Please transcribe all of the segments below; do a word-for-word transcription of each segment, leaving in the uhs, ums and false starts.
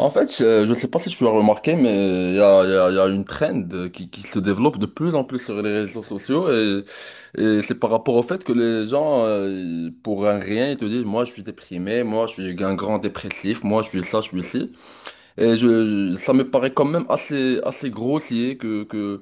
En fait, euh, je ne sais pas si tu as remarqué, mais il y a, il y a- il y a une trend euh, qui, qui se développe de plus en plus sur les réseaux sociaux et, et c'est par rapport au fait que les gens, euh, pour un rien, ils te disent, moi je suis déprimé, moi je suis un grand dépressif, moi je suis ça, je suis ci. Et je, je- ça me paraît quand même assez, assez grossier que, que,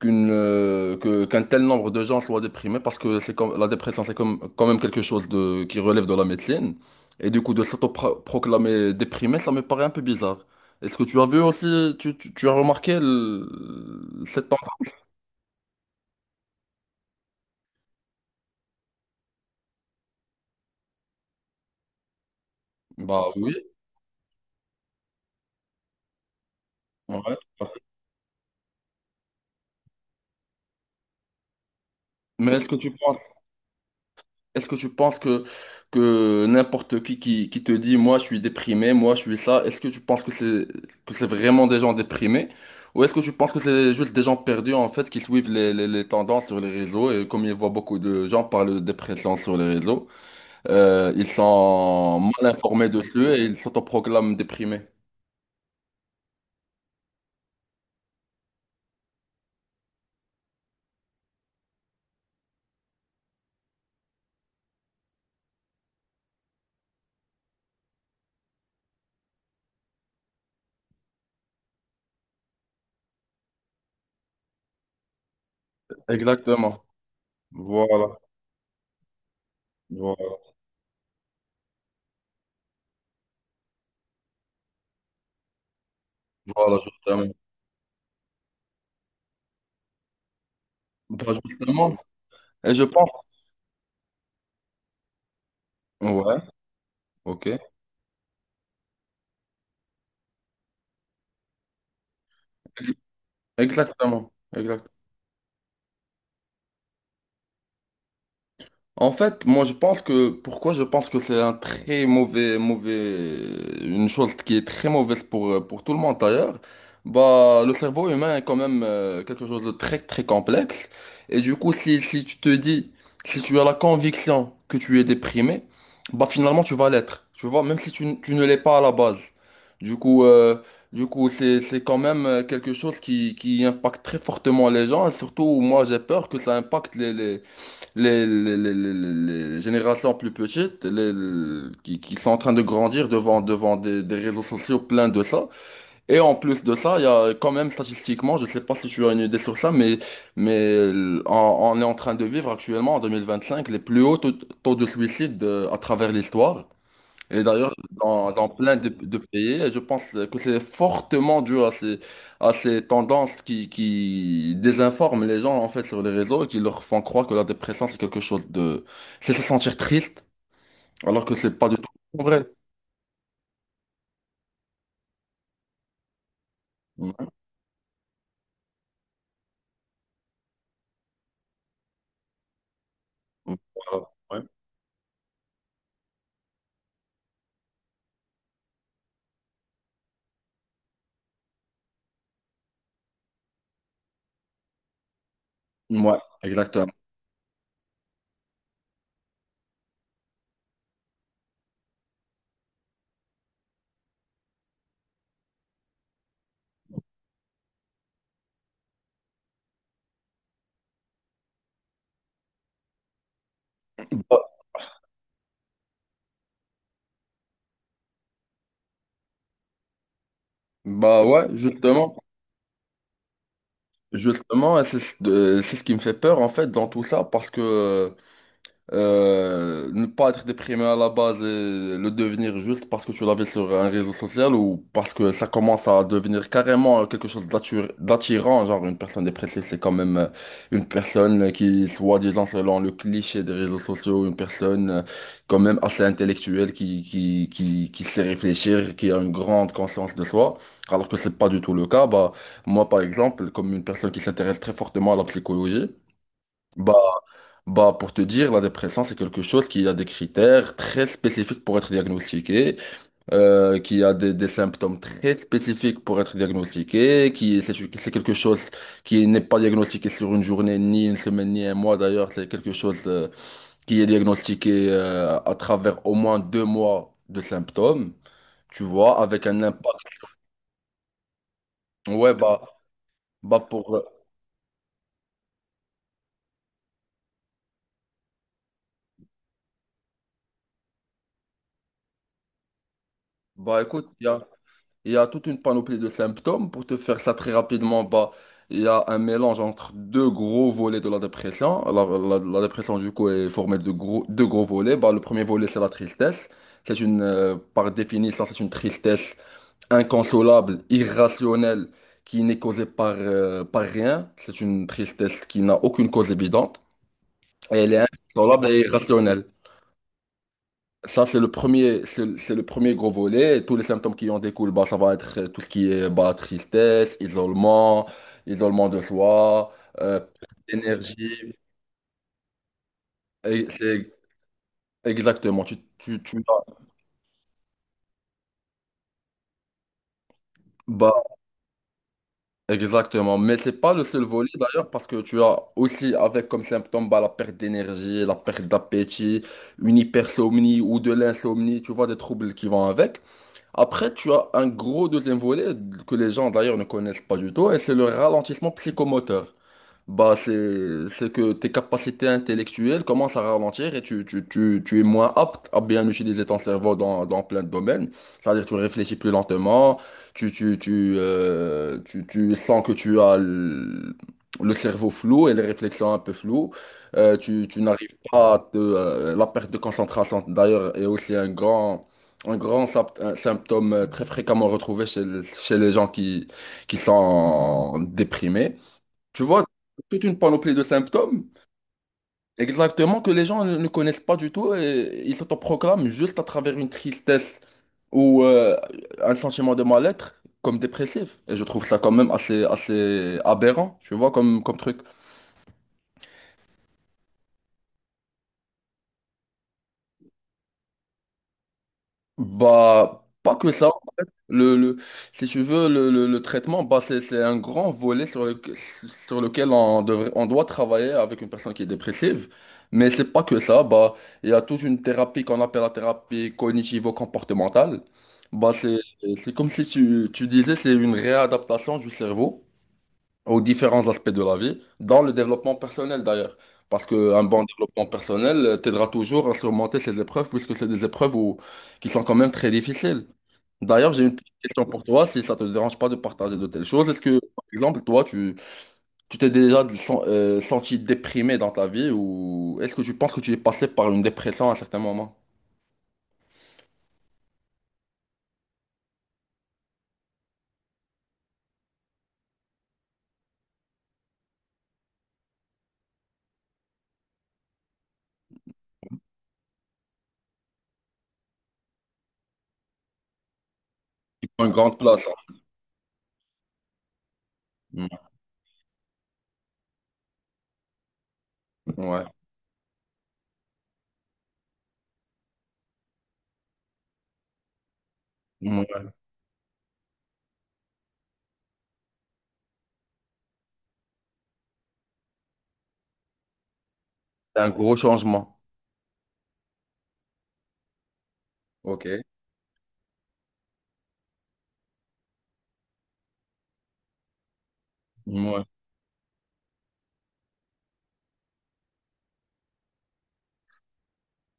qu'une, euh, que, qu'un tel nombre de gens soient déprimés parce que c'est comme, la dépression, c'est comme, quand même quelque chose de, qui relève de la médecine. Et du coup, de s'autoproclamer déprimé, ça me paraît un peu bizarre. Est-ce que tu as vu aussi, tu, tu, tu as remarqué le- cette tendance? Bah oui, ouais. Mais est-ce que tu penses, Est-ce que tu penses que, que n'importe qui, qui qui te dit, moi je suis déprimé, moi je suis ça, est-ce que tu penses que c'est que c'est vraiment des gens déprimés? Ou est-ce que tu penses que c'est juste des gens perdus en fait qui suivent les, les, les tendances sur les réseaux et comme ils voient beaucoup de gens parler de dépression sur les réseaux, euh, ils sont mal informés dessus et ils s'autoproclament déprimés. Exactement. Voilà. Voilà, voilà justement. Bah, justement. Et je pense. Ouais, ok. Exactement. Exactement. En fait, moi je pense que pourquoi je pense que c'est un très mauvais mauvais une chose qui est très mauvaise pour euh, pour tout le monde d'ailleurs. Bah le cerveau humain est quand même euh, quelque chose de très très complexe et du coup si si tu te dis si tu as la conviction que tu es déprimé, bah finalement tu vas l'être. Tu vois, même si tu, n- tu ne l'es pas à la base. Du coup euh, du coup c'est c'est quand même euh, quelque chose qui qui impacte très fortement les gens et surtout moi j'ai peur que ça impacte les, les, les- les- les- les générations plus petites les- les- qui, qui sont en train de grandir devant, devant des, des réseaux sociaux pleins de ça. Et en plus de ça, il y a quand même statistiquement, je sais pas si tu as une idée sur ça, mais, mais euh, on, on est en train de vivre actuellement en deux mille vingt-cinq les plus hauts taux, taux de suicide euh, à travers l'histoire. Et d'ailleurs, dans, dans plein de, de pays, et je pense que c'est fortement dû à ces, à ces tendances qui, qui désinforment les gens en fait sur les réseaux et qui leur font croire que la dépression c'est quelque chose de... C'est se sentir triste, alors que c'est pas du tout vrai. Ouais, ouais. Ouais, exactement. Bah bah ouais, justement, justement, et c'est ce de- c'est ce qui me fait peur en fait dans tout ça parce que Euh, ne pas être déprimé à la base et le devenir juste parce que tu l'as vu sur un réseau social ou parce que ça commence à devenir carrément quelque chose d'attu- d'attirant, genre une personne dépressive, c'est quand même euh, une personne qui, soi-disant, selon le cliché des réseaux sociaux, une personne euh, quand même assez intellectuelle qui, qui, qui, qui sait réfléchir, qui a une grande conscience de soi, alors que c'est pas du tout le cas. Bah, moi, par exemple, comme une personne qui s'intéresse très fortement à la psychologie, bah, bah, pour te dire, la dépression, c'est quelque chose qui a des critères très spécifiques pour être diagnostiqué, euh, qui a des, des symptômes très spécifiques pour être diagnostiqué, qui, c'est, c'est quelque chose qui n'est pas diagnostiqué sur une journée, ni une semaine, ni un mois d'ailleurs, c'est quelque chose, euh, qui est diagnostiqué, euh, à travers au moins deux mois de symptômes, tu vois, avec un impact. Ouais, bah, bah, pour, euh, bah, écoute, il Il y a toute une panoplie de symptômes. Pour te faire ça très rapidement, bah, il y a un mélange entre deux gros volets de la dépression. La, la- la dépression, du coup, est formée de gros, deux gros volets. Bah, le premier volet, c'est la tristesse. C'est une, euh, par définition, c'est une tristesse inconsolable, irrationnelle, qui n'est causée par, euh, par rien. C'est une tristesse qui n'a aucune cause évidente. Elle est inconsolable et irrationnelle. Ça, c'est le premier, c'est c'est le premier gros volet. Et tous les symptômes qui en découlent, bah, ça va être euh, tout ce qui est bah, tristesse, isolement, isolement de soi, euh, perte d'énergie. Et- et- Exactement. Tu, tu, tu, bah, Exactement, mais c'est pas le seul volet d'ailleurs parce que tu as aussi avec comme symptôme bah, la perte d'énergie, la perte d'appétit, une hypersomnie ou de l'insomnie, tu vois, des troubles qui vont avec. Après, tu as un gros deuxième volet que les gens d'ailleurs ne connaissent pas du tout et c'est le ralentissement psychomoteur bah c'est c'est que tes capacités intellectuelles commencent à ralentir et tu, tu, tu, tu es moins apte à bien utiliser ton cerveau dans, dans plein de domaines. C'est-à-dire tu réfléchis plus lentement, tu, tu, tu, euh, tu, tu sens que tu as le, le cerveau flou et les réflexions un peu floues. Euh, tu, tu n'arrives pas à te, euh, la perte de concentration d'ailleurs est aussi un grand, un grand sympt- un symptôme euh, très fréquemment retrouvé chez, le- chez les gens qui, qui sont déprimés. Tu vois, toute une panoplie de symptômes, exactement, que les gens ne ne connaissent pas du tout et ils s'autoproclament juste à travers une tristesse ou euh, un sentiment de mal-être comme dépressif. Et je trouve ça quand même assez, assez aberrant, tu vois, comme, comme truc. Bah, pas que ça. Le, le, si tu veux, le, le, le traitement, bah, c'est, c'est un grand volet sur, le, sur lequel on devrait, on doit travailler avec une personne qui est dépressive. Mais c'est pas que ça. Bah, il y a toute une thérapie qu'on appelle la thérapie cognitivo-comportementale. Bah, c'est, c'est comme si tu, tu disais, c'est une réadaptation du cerveau aux différents aspects de la vie, dans le développement personnel d'ailleurs. Parce qu'un bon développement personnel euh, t'aidera toujours à surmonter ces épreuves, puisque c'est des épreuves où- qui sont quand même très difficiles. D'ailleurs, j'ai une petite question pour toi, si ça te dérange pas de partager de telles choses. Est-ce que, par exemple, toi, tu tu t'es déjà sen- euh, senti déprimé dans ta vie ou est-ce que tu penses que tu es passé par une dépression à un certain moment? Qui prend une grande place. Hein. Mm. Ouais. Mm. Ouais. C'est un gros changement. Ok. Mmh, ouais.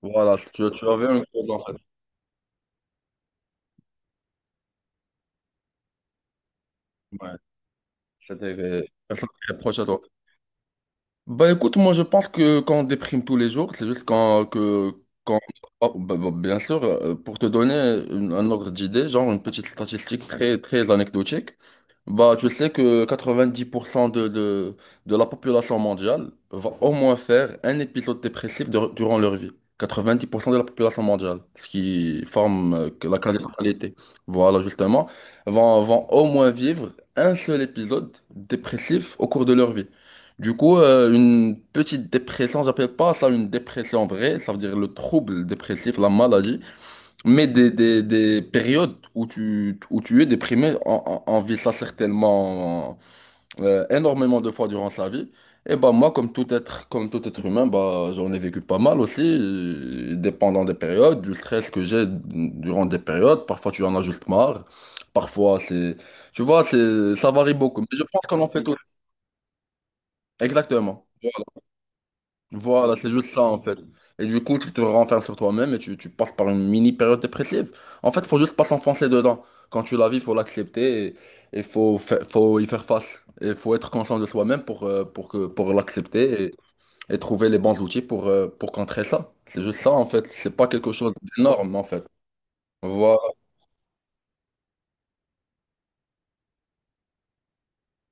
Voilà, tu, tu avais un peu. Dans cette- ouais. C'est-à-dire euh, un choc très proche à toi. Bah écoute, moi je pense que quand on déprime tous les jours, c'est juste quand, que, quand... oh, bah, bah, bien sûr, euh, pour te donner une- un ordre d'idée, genre une petite statistique très, très anecdotique, bah, tu sais que quatre-vingt-dix pour cent de, de, de la population mondiale va au moins faire un épisode dépressif de- durant leur vie. quatre-vingt-dix pour cent de la population mondiale, ce qui forme euh, que la quasi-totalité. Voilà, justement, vont, vont au moins vivre un seul épisode dépressif au cours de leur vie. Du coup, euh, une petite dépression, j'appelle pas ça une dépression vraie, ça veut dire le trouble dépressif, la maladie. Mais des, des, des périodes où tu, où tu es déprimé, on, on- on vit ça certainement euh, énormément de fois durant sa vie. Et bah moi, comme tout être, comme tout être humain, bah, j'en ai vécu pas mal aussi, euh, dépendant des périodes, du stress que j'ai durant des périodes. Parfois, tu en as juste marre. Parfois, c'est... Tu vois, c'est, ça varie beaucoup. Mais je pense qu'on en fait tous. Exactement. Voilà, c'est juste ça en fait. Et du coup, tu te renfermes sur toi-même et tu, tu passes par une mini période dépressive. En fait, faut juste pas s'enfoncer dedans. Quand tu la vis, faut l'accepter et il faut, fa- faut y faire face. Et faut être conscient de soi-même pour, euh, pour que, pour l'accepter et, et trouver les bons outils pour, euh, pour contrer ça. C'est juste ça en fait. C'est pas quelque chose d'énorme en fait. Voilà.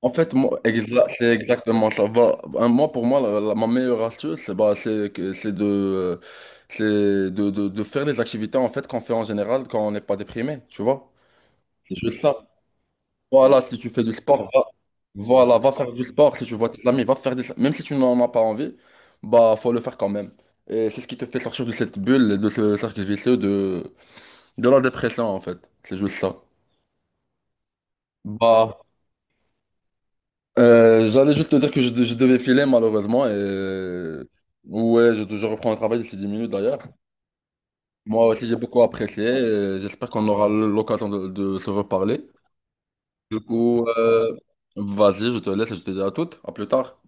En fait, moi, exa- c'est exactement ça. Va- un- moi, pour moi, la- la- ma meilleure astuce, c'est bah, c'est que- c'est de, euh, c'est de, de, de faire des activités en fait qu'on fait en général quand on n'est pas déprimé, tu vois. C'est juste ça. Voilà, si tu fais du sport, va, voilà, va faire du sport. Si tu vois tes amis, va faire des... Même si tu n'en as pas envie, bah, faut le faire quand même. Et c'est ce qui te fait sortir de cette bulle, de ce cercle vicieux de, de la dépression, en fait. C'est juste ça. Bah, Euh, j'allais juste te dire que je, de- je devais filer malheureusement et ouais, je, je reprends le travail d'ici dix minutes d'ailleurs. Moi aussi, j'ai beaucoup apprécié et j'espère qu'on aura l'occasion de, de se reparler. Du coup, euh, vas-y, je te laisse et je te dis à toutes. À plus tard.